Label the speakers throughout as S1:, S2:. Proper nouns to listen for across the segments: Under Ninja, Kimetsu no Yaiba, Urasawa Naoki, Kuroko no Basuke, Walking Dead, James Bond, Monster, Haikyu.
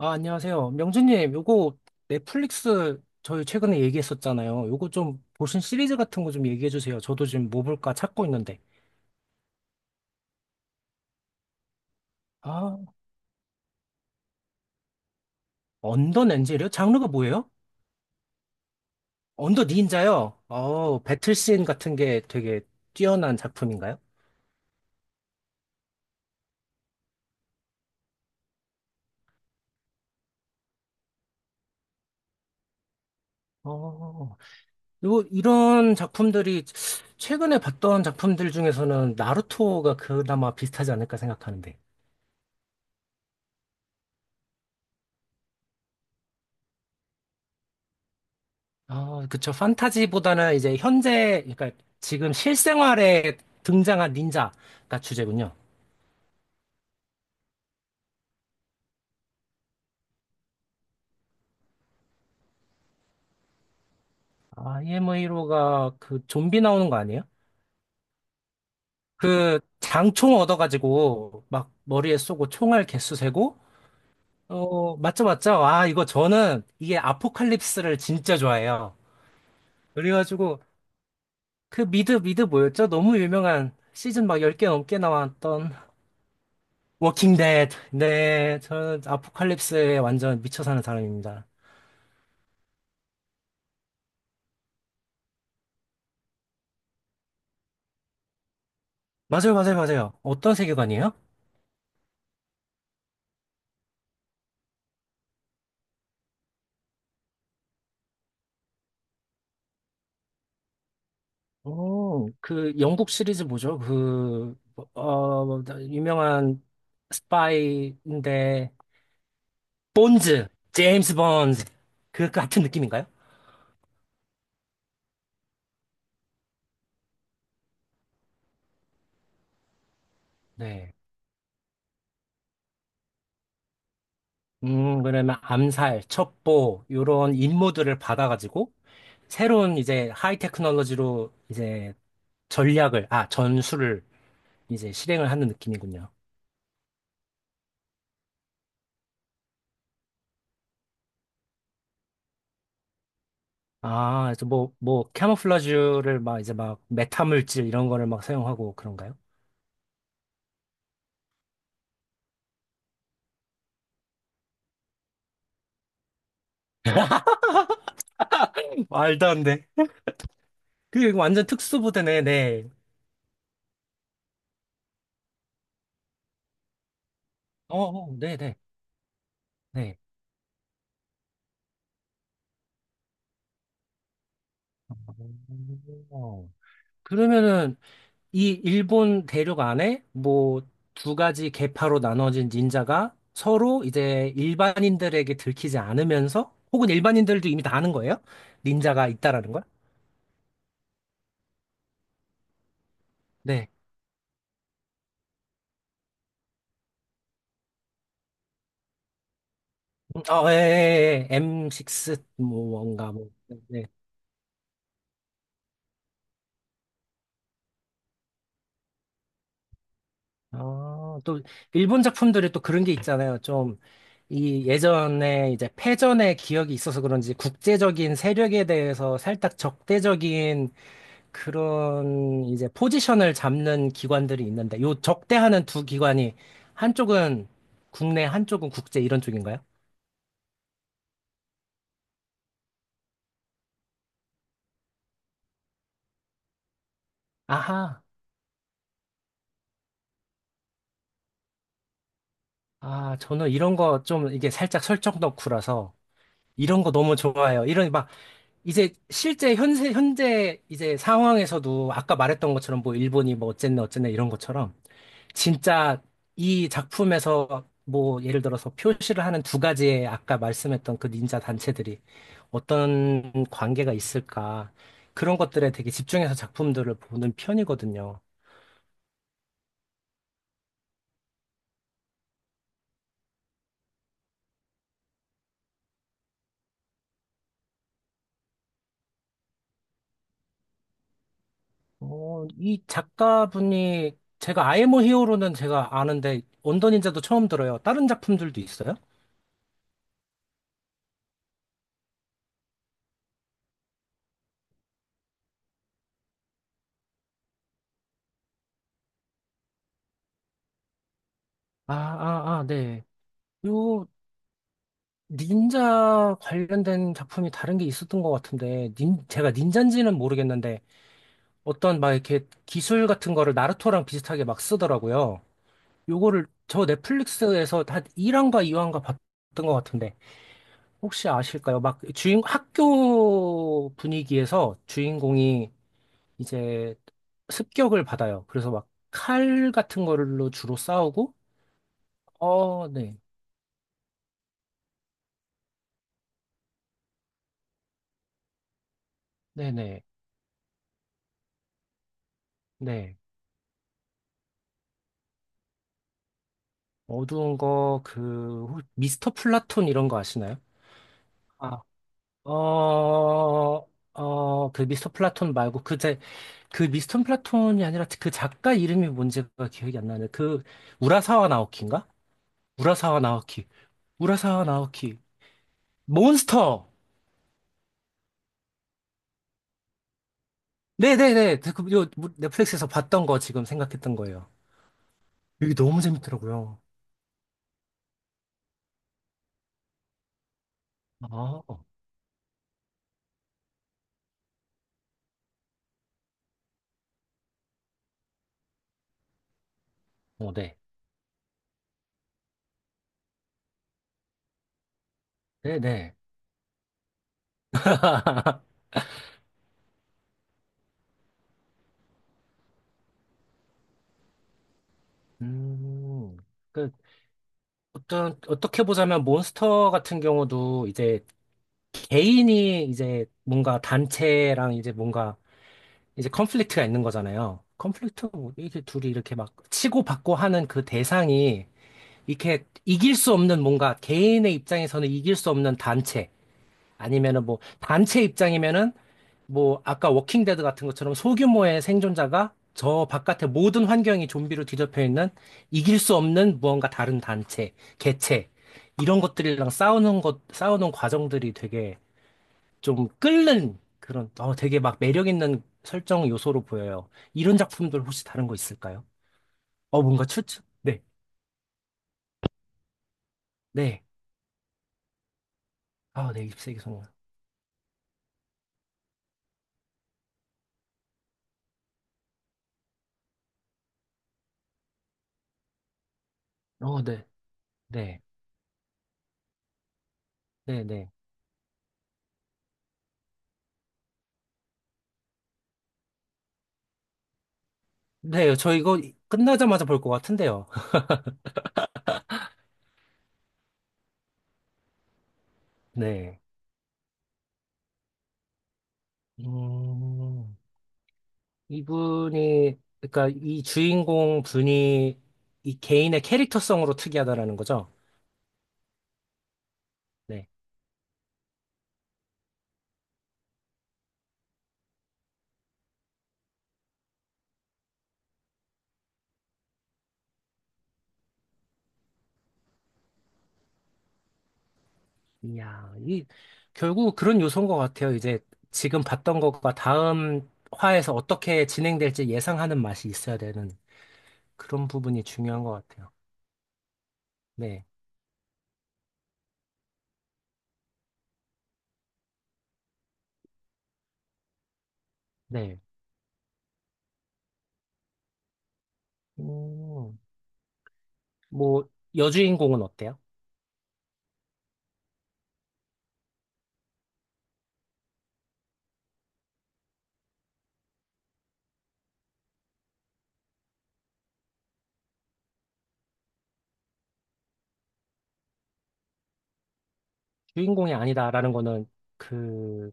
S1: 아, 안녕하세요. 명준님, 요거 넷플릭스 저희 최근에 얘기했었잖아요. 요거 좀 보신 시리즈 같은 거 좀 얘기해 주세요. 저도 지금 뭐 볼까 찾고 있는데. 아, 언더 렌즈요? 장르가 뭐예요? 언더 닌자요? 배틀씬 같은 게 되게 뛰어난 작품인가요? 어, 요, 이런 작품들이 최근에 봤던 작품들 중에서는 나루토가 그나마 비슷하지 않을까 생각하는데. 아, 그쵸. 판타지보다는 이제 현재, 그러니까 지금 실생활에 등장한 닌자가 주제군요. IMA로가 그 좀비 나오는 거 아니에요? 그 장총 얻어가지고 막 머리에 쏘고 총알 개수 세고, 맞죠, 맞죠? 아, 이거 저는 이게 아포칼립스를 진짜 좋아해요. 그래가지고 그 미드 뭐였죠? 너무 유명한 시즌 막 10개 넘게 나왔던 워킹 데드. 네, 저는 아포칼립스에 완전 미쳐 사는 사람입니다. 맞아요, 맞아요, 맞아요. 어떤 세계관이에요? 오, 그 영국 시리즈 뭐죠? 뭐, 유명한 스파이인데, 본즈, 제임스 본즈. 그 같은 느낌인가요? 네. 그러면 암살, 첩보, 요런 임무들을 받아가지고, 새로운 이제 하이 테크놀로지로 이제 전략을, 아, 전술을 이제 실행을 하는 느낌이군요. 아, 그래서 뭐, 캐모플라주를 막 이제 막 메타물질 이런 거를 막 사용하고 그런가요? 말도 안 돼. 그게 완전 특수부대네, 네. 네, 네, 네. 어, 그러면은 이 일본 대륙 안에 뭐 두 가지 계파로 나눠진 닌자가 서로 이제 일반인들에게 들키지 않으면서 혹은 일반인들도 이미 다 아는 거예요? 닌자가 있다라는 걸? 네. 예, 예, 예. M6 뭐 뭔가 뭐. 네. 아, 또 일본 작품들이 또 그런 게 있잖아요. 좀 이 예전에 이제 패전의 기억이 있어서 그런지 국제적인 세력에 대해서 살짝 적대적인 그런 이제 포지션을 잡는 기관들이 있는데 요 적대하는 두 기관이 한쪽은 국내, 한쪽은 국제 이런 쪽인가요? 아하. 아, 저는 이런 거 좀 이게 살짝 설정 덕후라서 이런 거 너무 좋아해요. 이런 이제 실제 현재 이제 상황에서도 아까 말했던 것처럼 뭐 일본이 뭐 어쨌네 어쨌네 이런 것처럼 진짜 이 작품에서 뭐 예를 들어서 표시를 하는 두 가지의 아까 말씀했던 그 닌자 단체들이 어떤 관계가 있을까 그런 것들에 되게 집중해서 작품들을 보는 편이거든요. 이 작가분이 제가 아이 모 히어로는 제가 아는데 원더 닌자도 처음 들어요. 다른 작품들도 있어요? 아, 아, 아, 네. 요 닌자 관련된 작품이 다른 게 있었던 것 같은데, 닌, 제가 닌자인지는 모르겠는데, 어떤 막 이렇게 기술 같은 거를 나루토랑 비슷하게 막 쓰더라고요. 요거를 저 넷플릭스에서 한 1화인가 2화인가 봤던 것 같은데, 혹시 아실까요? 막 주인, 학교 분위기에서 주인공이 이제 습격을 받아요. 그래서 막 칼 같은 걸로 주로 싸우고, 어, 네. 네네. 네. 어두운 거, 그, 미스터 플라톤 이런 거 아시나요? 아, 어, 그 미스터 플라톤 말고, 그, 제, 그 미스터 플라톤이 아니라 그 작가 이름이 뭔지가 기억이 안 나네. 그, 우라사와 나오키인가? 우라사와 나오키. 우라사와 나오키. 몬스터! 네네네. 그, 요, 뭐, 넷플릭스에서 봤던 거 지금 생각했던 거예요. 이게 너무 재밌더라고요. 아, 네. 네네. 음. 그, 어떻게 보자면 몬스터 같은 경우도 이제 개인이 이제 뭔가 단체랑 이제 뭔가 이제 컨플릭트가 있는 거잖아요. 컨플릭트, 뭐 이게 둘이 이렇게 막 치고받고 하는 그 대상이 이렇게 이길 수 없는 뭔가 개인의 입장에서는 이길 수 없는 단체 아니면은 뭐 단체 입장이면은 뭐 아까 워킹 데드 같은 것처럼 소규모의 생존자가 저 바깥의 모든 환경이 좀비로 뒤덮여 있는 이길 수 없는 무언가 다른 단체, 개체 이런 것들이랑 싸우는 것 싸우는 과정들이 되게 좀 끓는 그런 어 되게 막 매력 있는 설정 요소로 보여요. 이런 작품들 혹시 다른 거 있을까요? 뭔가 추측? 네. 네. 아, 네. 잎새기 소년. 어, 네. 네. 네, 네. 네, 저 이거 끝나자마자 볼 것 같은데요. 네. 음. 이분이, 그러니까 이 주인공 분이 이 개인의 캐릭터성으로 특이하다라는 거죠. 네. 이야, 결국 그런 요소인 것 같아요. 이제 지금 봤던 것과 다음 화에서 어떻게 진행될지 예상하는 맛이 있어야 되는 그런 부분이 중요한 것 같아요. 네. 네. 음, 뭐, 여주인공은 어때요? 주인공이 아니다라는 거는 그,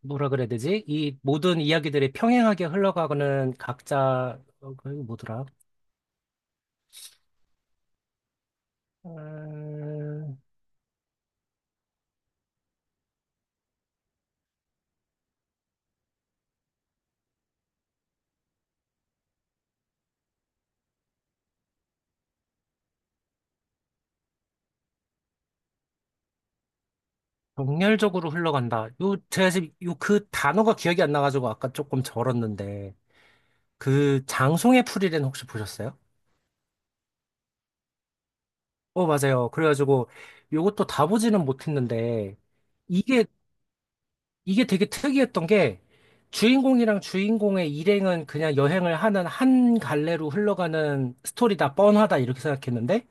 S1: 뭐라 그래야 되지? 이 모든 이야기들이 평행하게 흘러가는 각자, 그 뭐더라? 음, 정렬적으로 흘러간다. 요, 제가 지금 요 그 단어가 기억이 안 나가지고 아까 조금 절었는데, 그 장송의 풀이는 혹시 보셨어요? 어, 맞아요. 그래가지고 요것도 다 보지는 못했는데, 이게, 이게 되게 특이했던 게, 주인공이랑 주인공의 일행은 그냥 여행을 하는 한 갈래로 흘러가는 스토리다, 뻔하다, 이렇게 생각했는데,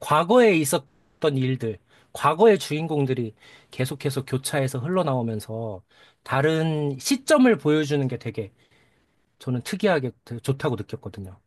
S1: 과거에 있었던 일들, 과거의 주인공들이 계속해서 교차해서 흘러나오면서 다른 시점을 보여주는 게 되게 저는 특이하게 되게 좋다고 느꼈거든요.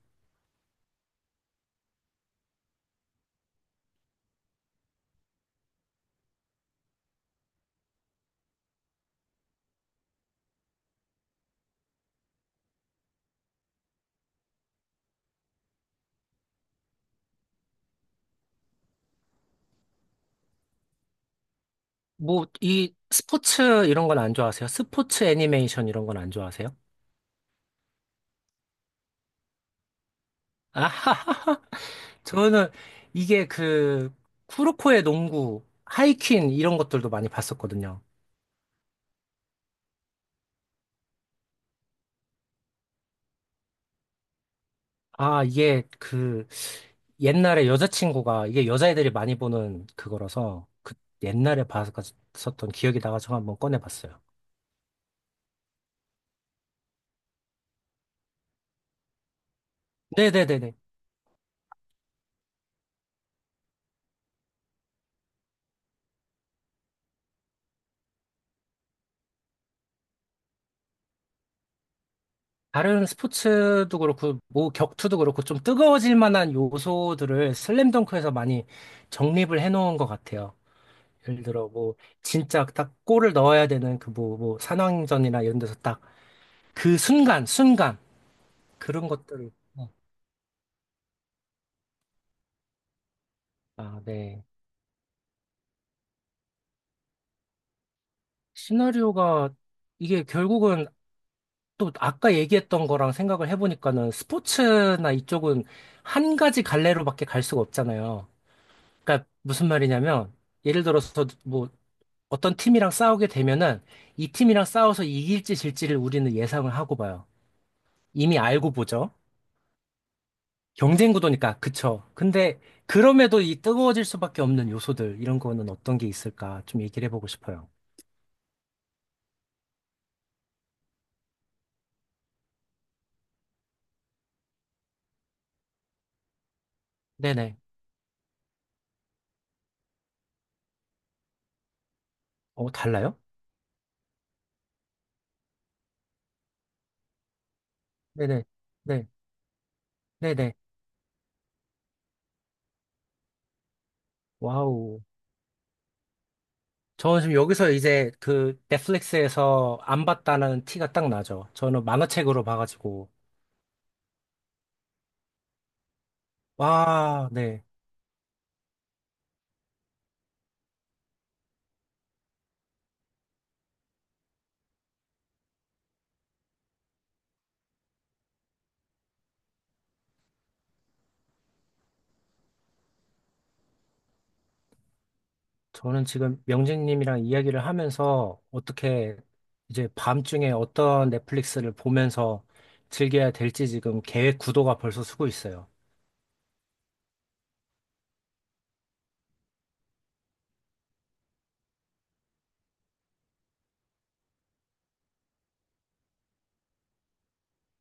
S1: 뭐, 이 스포츠 이런 건 안 좋아하세요? 스포츠 애니메이션 이런 건 안 좋아하세요? 아하하하. 저는 이게 그 쿠로코의 농구, 하이퀸 이런 것들도 많이 봤었거든요. 아, 이게 그 옛날에 여자친구가 이게 여자애들이 많이 보는 그거라서 그 옛날에 봤었던 기억이 나가지고 한번 꺼내봤어요. 네네네네. 다른 스포츠도 그렇고 뭐 격투도 그렇고 좀 뜨거워질 만한 요소들을 슬램덩크에서 많이 정립을 해놓은 것 같아요. 예를 들어 뭐 진짜 딱 골을 넣어야 되는 그 뭐 산왕전이나 이런 데서 딱 그 순간 순간 그런 것들을 아, 네. 시나리오가 이게 결국은 또 아까 얘기했던 거랑 생각을 해보니까는 스포츠나 이쪽은 한 가지 갈래로밖에 갈 수가 없잖아요. 그러니까 무슨 말이냐면 예를 들어서 뭐 어떤 팀이랑 싸우게 되면은 이 팀이랑 싸워서 이길지 질지를 우리는 예상을 하고 봐요. 이미 알고 보죠. 경쟁 구도니까 그쵸. 근데 그럼에도 이 뜨거워질 수밖에 없는 요소들 이런 거는 어떤 게 있을까 좀 얘기를 해보고 싶어요. 네네. 어 달라요? 네네. 네. 네네. 와우. 저는 지금 여기서 이제 그 넷플릭스에서 안 봤다는 티가 딱 나죠. 저는 만화책으로 봐가지고. 와, 네. 저는 지금 명진님이랑 이야기를 하면서 어떻게 이제 밤중에 어떤 넷플릭스를 보면서 즐겨야 될지 지금 계획 구도가 벌써 서고 있어요.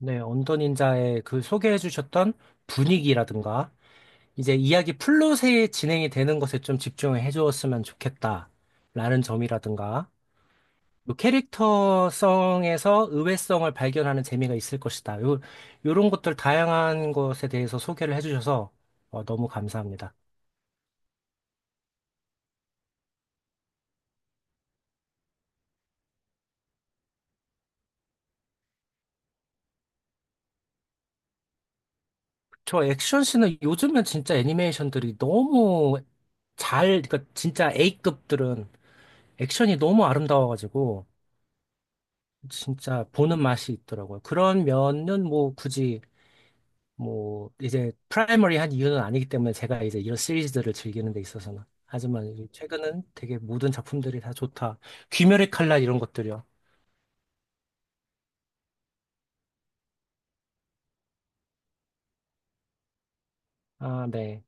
S1: 네, 언더닌자의 그 소개해 주셨던 분위기라든가 이제 이야기 플롯에 진행이 되는 것에 좀 집중을 해 주었으면 좋겠다라는 점이라든가 요 캐릭터성에서 의외성을 발견하는 재미가 있을 것이다. 요, 요런 것들 다양한 것에 대해서 소개를 해주셔서 어, 너무 감사합니다. 저 액션 씬은 요즘은 진짜 애니메이션들이 너무 잘, 그러니까 진짜 A급들은 액션이 너무 아름다워가지고 진짜 보는 맛이 있더라고요. 그런 면은 뭐 굳이 뭐 이제 프라이머리 한 이유는 아니기 때문에 제가 이제 이런 시리즈들을 즐기는 데 있어서는 하지만 이제 최근은 되게 모든 작품들이 다 좋다. 귀멸의 칼날 이런 것들이요. 아, 네.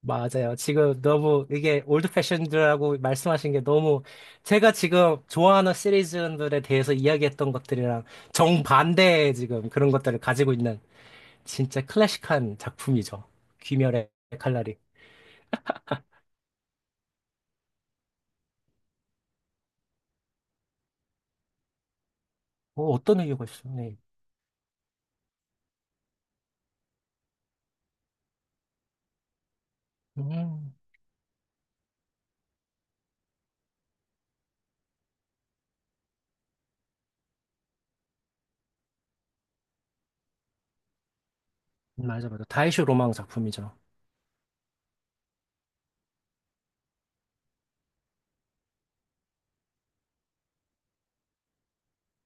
S1: 맞아요. 지금 너무 이게 올드 패션들하고 말씀하신 게 너무 제가 지금 좋아하는 시리즈들에 대해서 이야기했던 것들이랑 정반대의 지금 그런 것들을 가지고 있는 진짜 클래식한 작품이죠. 귀멸의 칼날이. 어떤 의미가 있어요? 네. 음, 맞아, 맞아. 다이쇼 로망 작품이죠.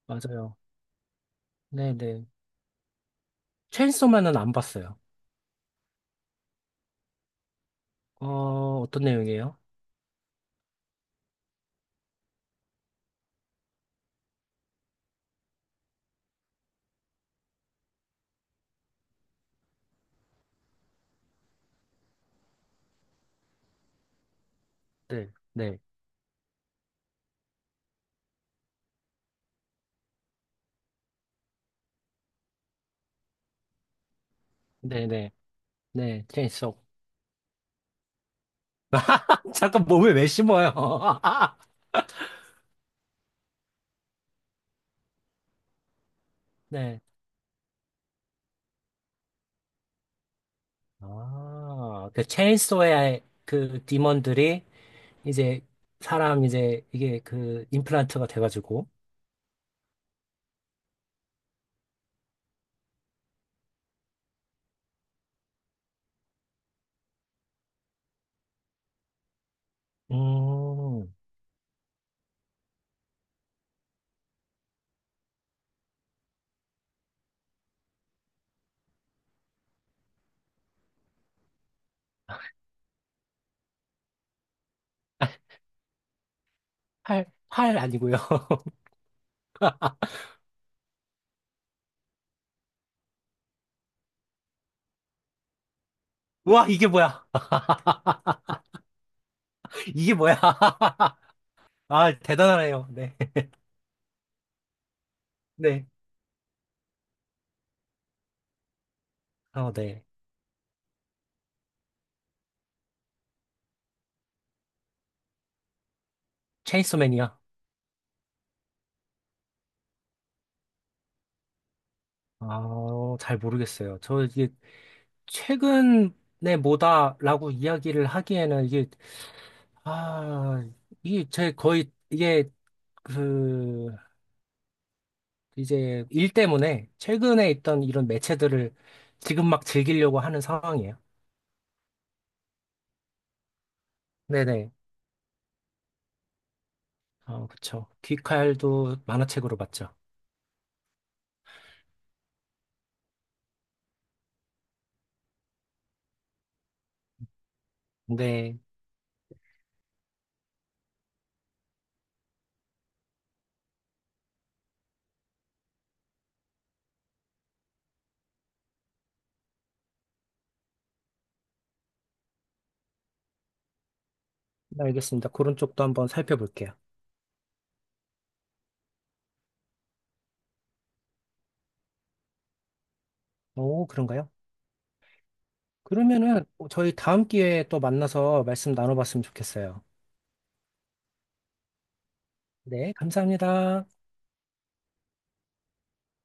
S1: 맞아요. 네네. 체인소맨은 안 봤어요. 어, 어떤 내용이에요? 네, 네, 네, 네, 네, 체인소. 잠깐 몸에 왜 심어요? 네. 아, 그 체인소의 그 디몬들이 이제 사람 이제 이게 그 임플란트가 돼가지고. 음, 팔, 팔 아니고요. 와, 이게 뭐야? 이게 뭐야? 아, 대단하네요. 네, 네. 어, 네. 체인소맨이요. 아, 잘 모르겠어요. 저 이게 최근에 뭐다라고 이야기를 하기에는 이게, 아, 이게 제 거의, 이게 그, 이제 일 때문에 최근에 있던 이런 매체들을 지금 막 즐기려고 하는 상황이에요. 네네. 그쵸. 귀칼도 만화책으로 봤죠. 네. 알겠습니다. 그런 쪽도 한번 살펴볼게요. 오, 그런가요? 그러면은 저희 다음 기회에 또 만나서 말씀 나눠봤으면 좋겠어요. 네, 감사합니다.